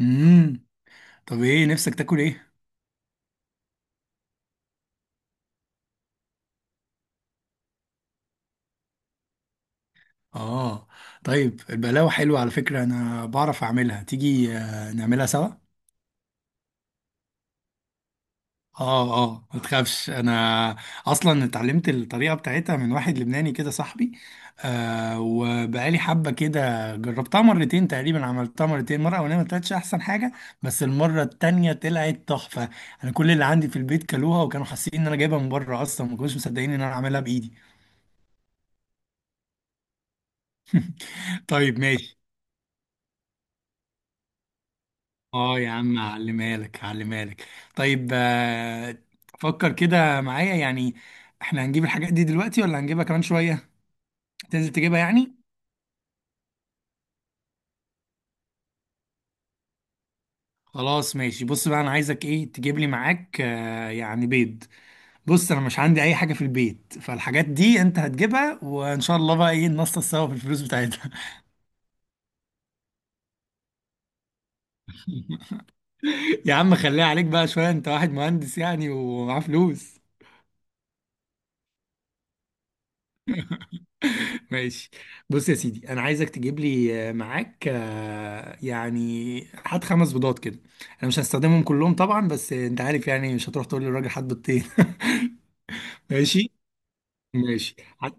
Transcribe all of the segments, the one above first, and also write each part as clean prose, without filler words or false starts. امم طب ايه نفسك تاكل ايه؟ اه. طيب البقلاوه حلوه على فكره، انا بعرف اعملها، تيجي نعملها سوا. اه اه، ما تخافش، انا اصلا اتعلمت الطريقه بتاعتها من واحد لبناني كده صاحبي. وبقالي حبه كده جربتها مرتين، تقريبا عملتها مرتين، مره اولانيه ما طلعتش احسن حاجه، بس المره التانية طلعت تحفه. انا كل اللي عندي في البيت كلوها، وكانوا حاسين ان انا جايبها من بره، اصلا ما كانوش مصدقين ان انا عاملها بايدي. طيب ماشي. اه يا عم، هعلمها لك هعلمها لك. طيب، فكر كده معايا يعني، احنا هنجيب الحاجات دي دلوقتي ولا هنجيبها كمان شوية؟ تنزل تجيبها يعني. خلاص ماشي، بص بقى، انا عايزك ايه تجيب لي معاك يعني بيض. بص انا مش عندي اي حاجة في البيت، فالحاجات دي انت هتجيبها، وان شاء الله بقى ايه ننصص سوا في الفلوس بتاعتها. يا عم، خليها عليك بقى شوية، انت واحد مهندس يعني ومعاه فلوس. ماشي، بص يا سيدي، انا عايزك تجيب لي معاك يعني، هات خمس بيضات كده. انا مش هستخدمهم كلهم طبعا بس انت عارف، يعني مش هتروح تقول للراجل هات بيضتين. ماشي ماشي. هات.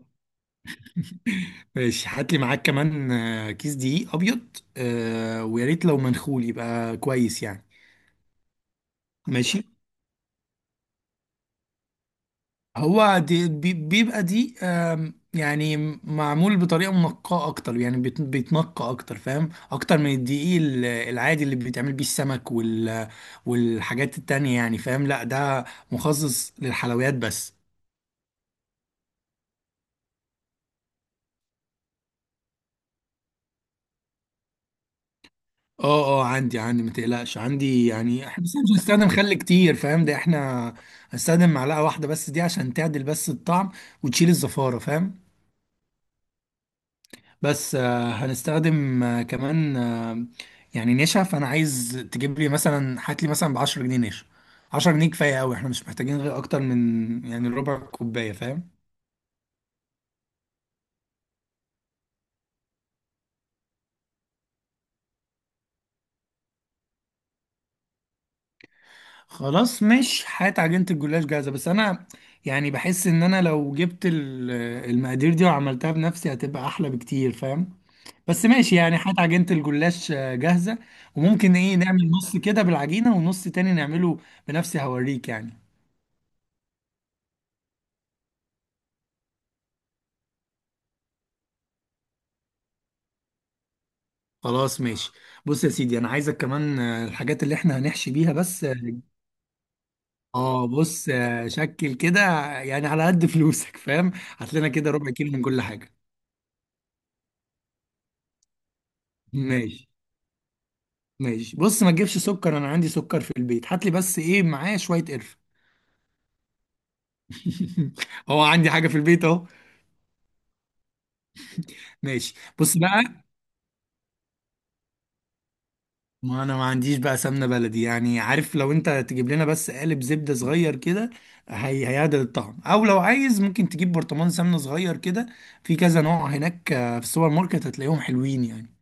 ماشي، هات لي معاك كمان كيس دقيق ابيض، ويا ريت لو منخول يبقى كويس يعني. ماشي. هو دي بيبقى دي، يعني معمول بطريقة منقاة أكتر، يعني بيتنقى أكتر، فاهم، أكتر من الدقيق العادي اللي بيتعمل بيه السمك والحاجات التانية، يعني فاهم، لا ده مخصص للحلويات بس. اه اه، عندي عندي، ما تقلقش عندي، يعني احنا بس مش هنستخدم خل كتير، فاهم ده، احنا هنستخدم معلقة واحدة بس دي عشان تعدل بس الطعم وتشيل الزفارة فاهم. بس هنستخدم كمان يعني نشا، فانا عايز تجيب لي مثلا، هات لي مثلا ب 10 جنيه نشا. 10 جنيه كفايه قوي، احنا مش محتاجين غير اكتر من يعني ربع كوبايه فاهم. خلاص مش هات عجينه الجلاش جاهزه، بس انا يعني بحس ان انا لو جبت المقادير دي وعملتها بنفسي هتبقى احلى بكتير فاهم. بس ماشي يعني، هات عجينه الجلاش جاهزه، وممكن ايه نعمل نص كده بالعجينه ونص تاني نعمله بنفسي، هوريك يعني. خلاص ماشي، بص يا سيدي، انا عايزك كمان الحاجات اللي احنا هنحشي بيها بس اه، بص شكل كده، يعني على قد فلوسك فاهم. هات لنا كده ربع كيلو من كل حاجه. ماشي ماشي. بص ما تجيبش سكر، انا عندي سكر في البيت، هات لي بس ايه معايا شويه قرفه. هو عندي حاجه في البيت اهو. ماشي، بص بقى، ما انا ما عنديش بقى سمنه بلدي يعني، عارف، لو انت تجيب لنا بس قالب زبده صغير كده هي هيعدل الطعم، او لو عايز ممكن تجيب برطمان سمنه صغير كده، في كذا نوع هناك في السوبر ماركت هتلاقيهم حلوين يعني.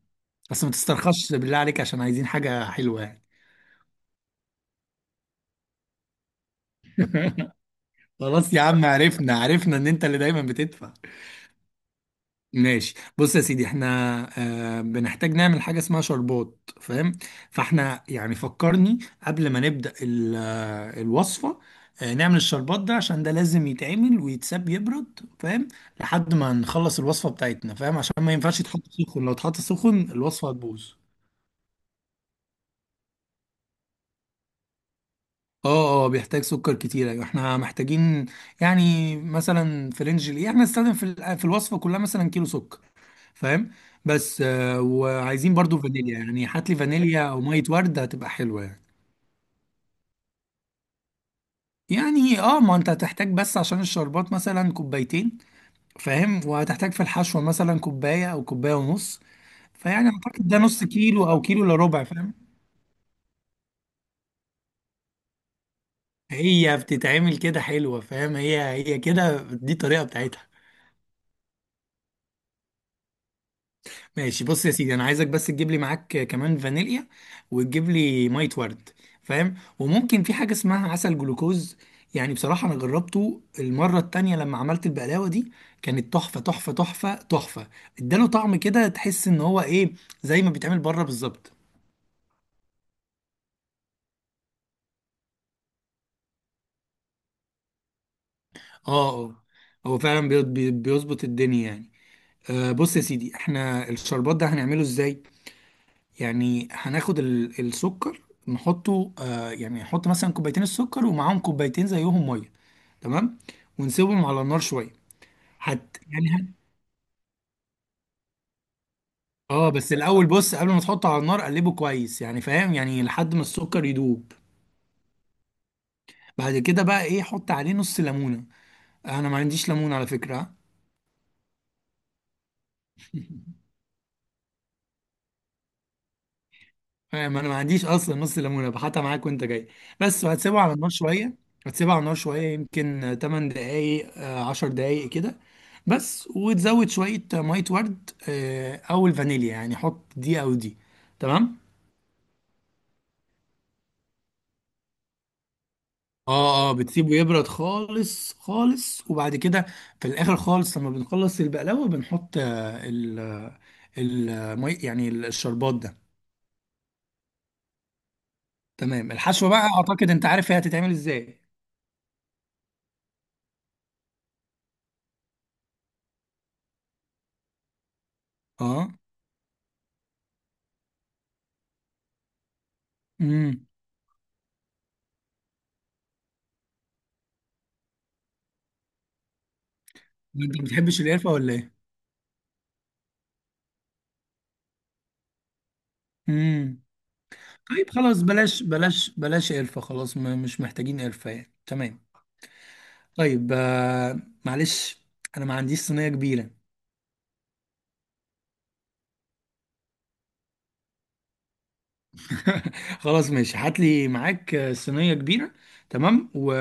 بس ما تسترخصش بالله عليك عشان عايزين حاجه حلوه يعني. خلاص يا عم، عرفنا عرفنا ان انت اللي دايما بتدفع. ماشي، بص يا سيدي، احنا بنحتاج نعمل حاجة اسمها شربات فاهم. فاحنا يعني فكرني قبل ما نبدأ الوصفة، نعمل الشربات ده عشان ده لازم يتعمل ويتساب يبرد فاهم، لحد ما نخلص الوصفة بتاعتنا، فاهم، عشان ما ينفعش يتحط سخن، لو اتحط سخن الوصفة هتبوظ. اه اه، بيحتاج سكر كتير، ايوه احنا محتاجين. يعني مثلا في رينج ايه احنا نستخدم في في الوصفة كلها مثلا كيلو سكر فاهم. بس وعايزين برضو فانيليا، يعني هات لي فانيليا او ميه ورد هتبقى حلوه يعني. يعني اه، ما انت هتحتاج بس عشان الشربات مثلا كوبايتين فاهم، وهتحتاج في الحشوه مثلا كوبايه او كوبايه ونص، فيعني اعتقد ده نص كيلو او كيلو الا ربع فاهم. هي بتتعمل كده حلوه فاهم، هي كده، دي الطريقه بتاعتها. ماشي، بص يا سيدي، انا عايزك بس تجيب لي معاك كمان فانيليا وتجيب لي ميه ورد فاهم، وممكن في حاجه اسمها عسل جلوكوز. يعني بصراحه انا جربته المره التانية لما عملت البقلاوه دي، كانت تحفه تحفه تحفه تحفه، اداله طعم كده تحس ان هو ايه، زي ما بيتعمل بره بالظبط. اه اه، هو فعلا بيظبط الدنيا يعني. بص يا سيدي، احنا الشربات ده هنعمله ازاي، يعني هناخد السكر، نحطه يعني نحط مثلا كوبايتين السكر ومعاهم كوبايتين زيهم ميه، تمام، ونسيبهم على النار شويه. هت يعني هت اه، بس الاول بص قبل ما تحطه على النار، قلبه كويس يعني فاهم، يعني لحد ما السكر يدوب. بعد كده بقى ايه حط عليه نص ليمونه. انا ما عنديش ليمون على فكره. فاهم، انا ما عنديش اصلا نص ليمونه، بحطها معاك وانت جاي. بس وهتسيبه على النار شويه. هتسيبه على النار شويه يمكن 8 دقائق 10 دقائق كده، بس، وتزود شويه ميه ورد او الفانيليا، يعني حط دي او دي، تمام. اه اه، بتسيبه يبرد خالص خالص، وبعد كده في الاخر خالص لما بنخلص البقلاوه بنحط يعني الشربات ده. تمام، الحشوه بقى اعتقد انت عارف هي هتتعمل ازاي. اه، انت ما بتحبش القرفه ولا ايه؟ امم طيب خلاص، بلاش بلاش بلاش قرفه، خلاص مش محتاجين قرفه يعني تمام. طيب، معلش انا ما عنديش صينيه كبيره. خلاص ماشي، هات لي معاك صينيه كبيره، تمام،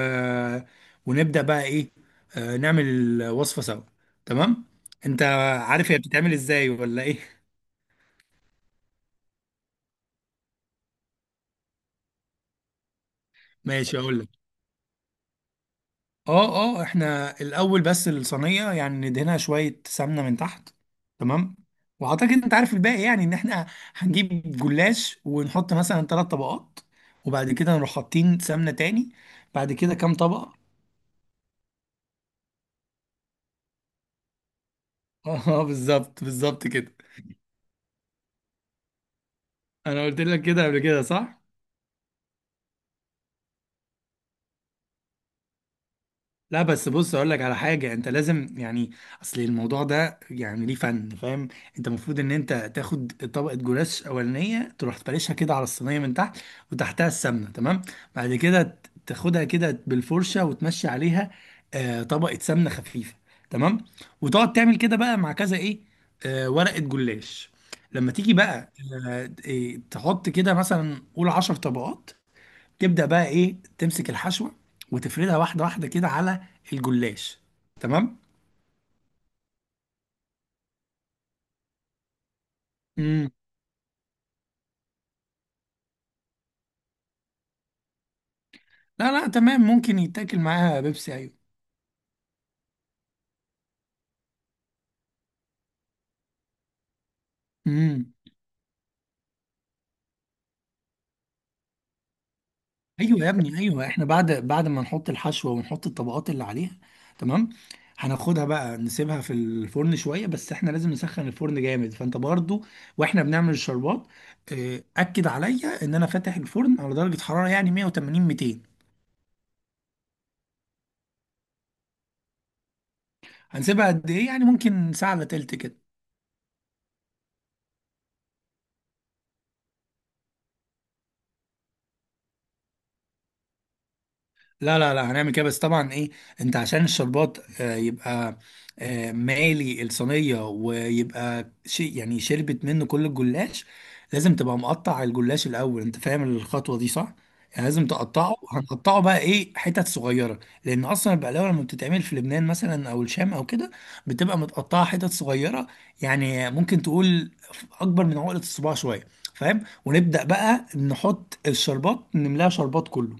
ونبدا بقى ايه، نعمل الوصفه سوا، تمام. انت عارف هي بتتعمل ازاي ولا ايه؟ ماشي اقول لك. اه اه، احنا الاول بس الصينيه يعني ندهنها شويه سمنه من تحت، تمام، واعتقد انت عارف الباقي، يعني ان احنا هنجيب جلاش ونحط مثلا ثلاث طبقات، وبعد كده نروح حاطين سمنه تاني، بعد كده كام طبقه. اه بالظبط بالظبط كده. انا قلت لك كده قبل كده صح. لا بس بص اقول لك على حاجه، انت لازم يعني، اصل الموضوع ده يعني ليه فن فاهم. انت المفروض ان انت تاخد طبقه جلاش اولانيه، تروح تفرشها كده على الصينيه من تحت وتحتها السمنه، تمام، بعد كده تاخدها كده بالفرشه وتمشي عليها، طبقه سمنه خفيفه، تمام، وتقعد تعمل كده بقى مع كذا ايه، ورقه جلاش. لما تيجي بقى، آه إيه، تحط كده مثلا قول 10 طبقات، تبدأ بقى ايه تمسك الحشوة وتفردها واحدة واحدة كده على الجلاش، تمام. امم لا لا، تمام، ممكن يتاكل معاها بيبسي، ايوه. امم ايوه يا ابني، ايوه احنا بعد ما نحط الحشوة ونحط الطبقات اللي عليها، تمام، هناخدها بقى نسيبها في الفرن شوية، بس احنا لازم نسخن الفرن جامد، فانت برضو واحنا بنعمل الشربات، اكد عليا ان انا فاتح الفرن على درجة حرارة يعني 180 200. هنسيبها قد ايه؟ يعني ممكن ساعة الا تلت كده. لا لا لا، هنعمل كده بس طبعا ايه، انت عشان الشربات يبقى مالي الصينية ويبقى شيء يعني شربت منه كل الجلاش. لازم تبقى مقطع الجلاش الأول، انت فاهم الخطوة دي صح؟ يعني لازم تقطعه، هنقطعه بقى ايه حتت صغيرة، لأن أصلا البقلاوة لما بتتعمل في لبنان مثلا أو الشام أو كده بتبقى متقطعة حتت صغيرة، يعني ممكن تقول أكبر من عقلة الصباع شوية فاهم؟ ونبدأ بقى نحط الشربات، نملاها شربات كله.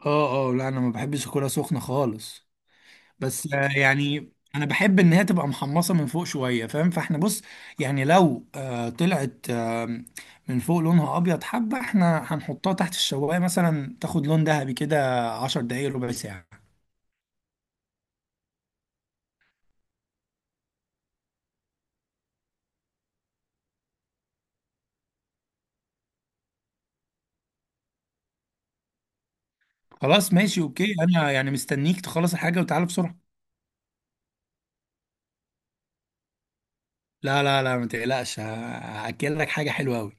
اه اه، لا انا ما بحبش اكلها سخنه خالص. بس يعني انا بحب ان هي تبقى محمصه من فوق شويه فاهم، فاحنا بص، يعني لو طلعت من فوق لونها ابيض حبه، احنا هنحطها تحت الشوايه مثلا تاخد لون ذهبي كده 10 دقايق، ربع ساعه. خلاص ماشي اوكي، انا يعني مستنيك تخلص الحاجه وتعالى بسرعه. لا لا لا، ما تقلقش، هاكل لك حاجه حلوه قوي.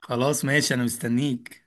خلاص ماشي، انا مستنيك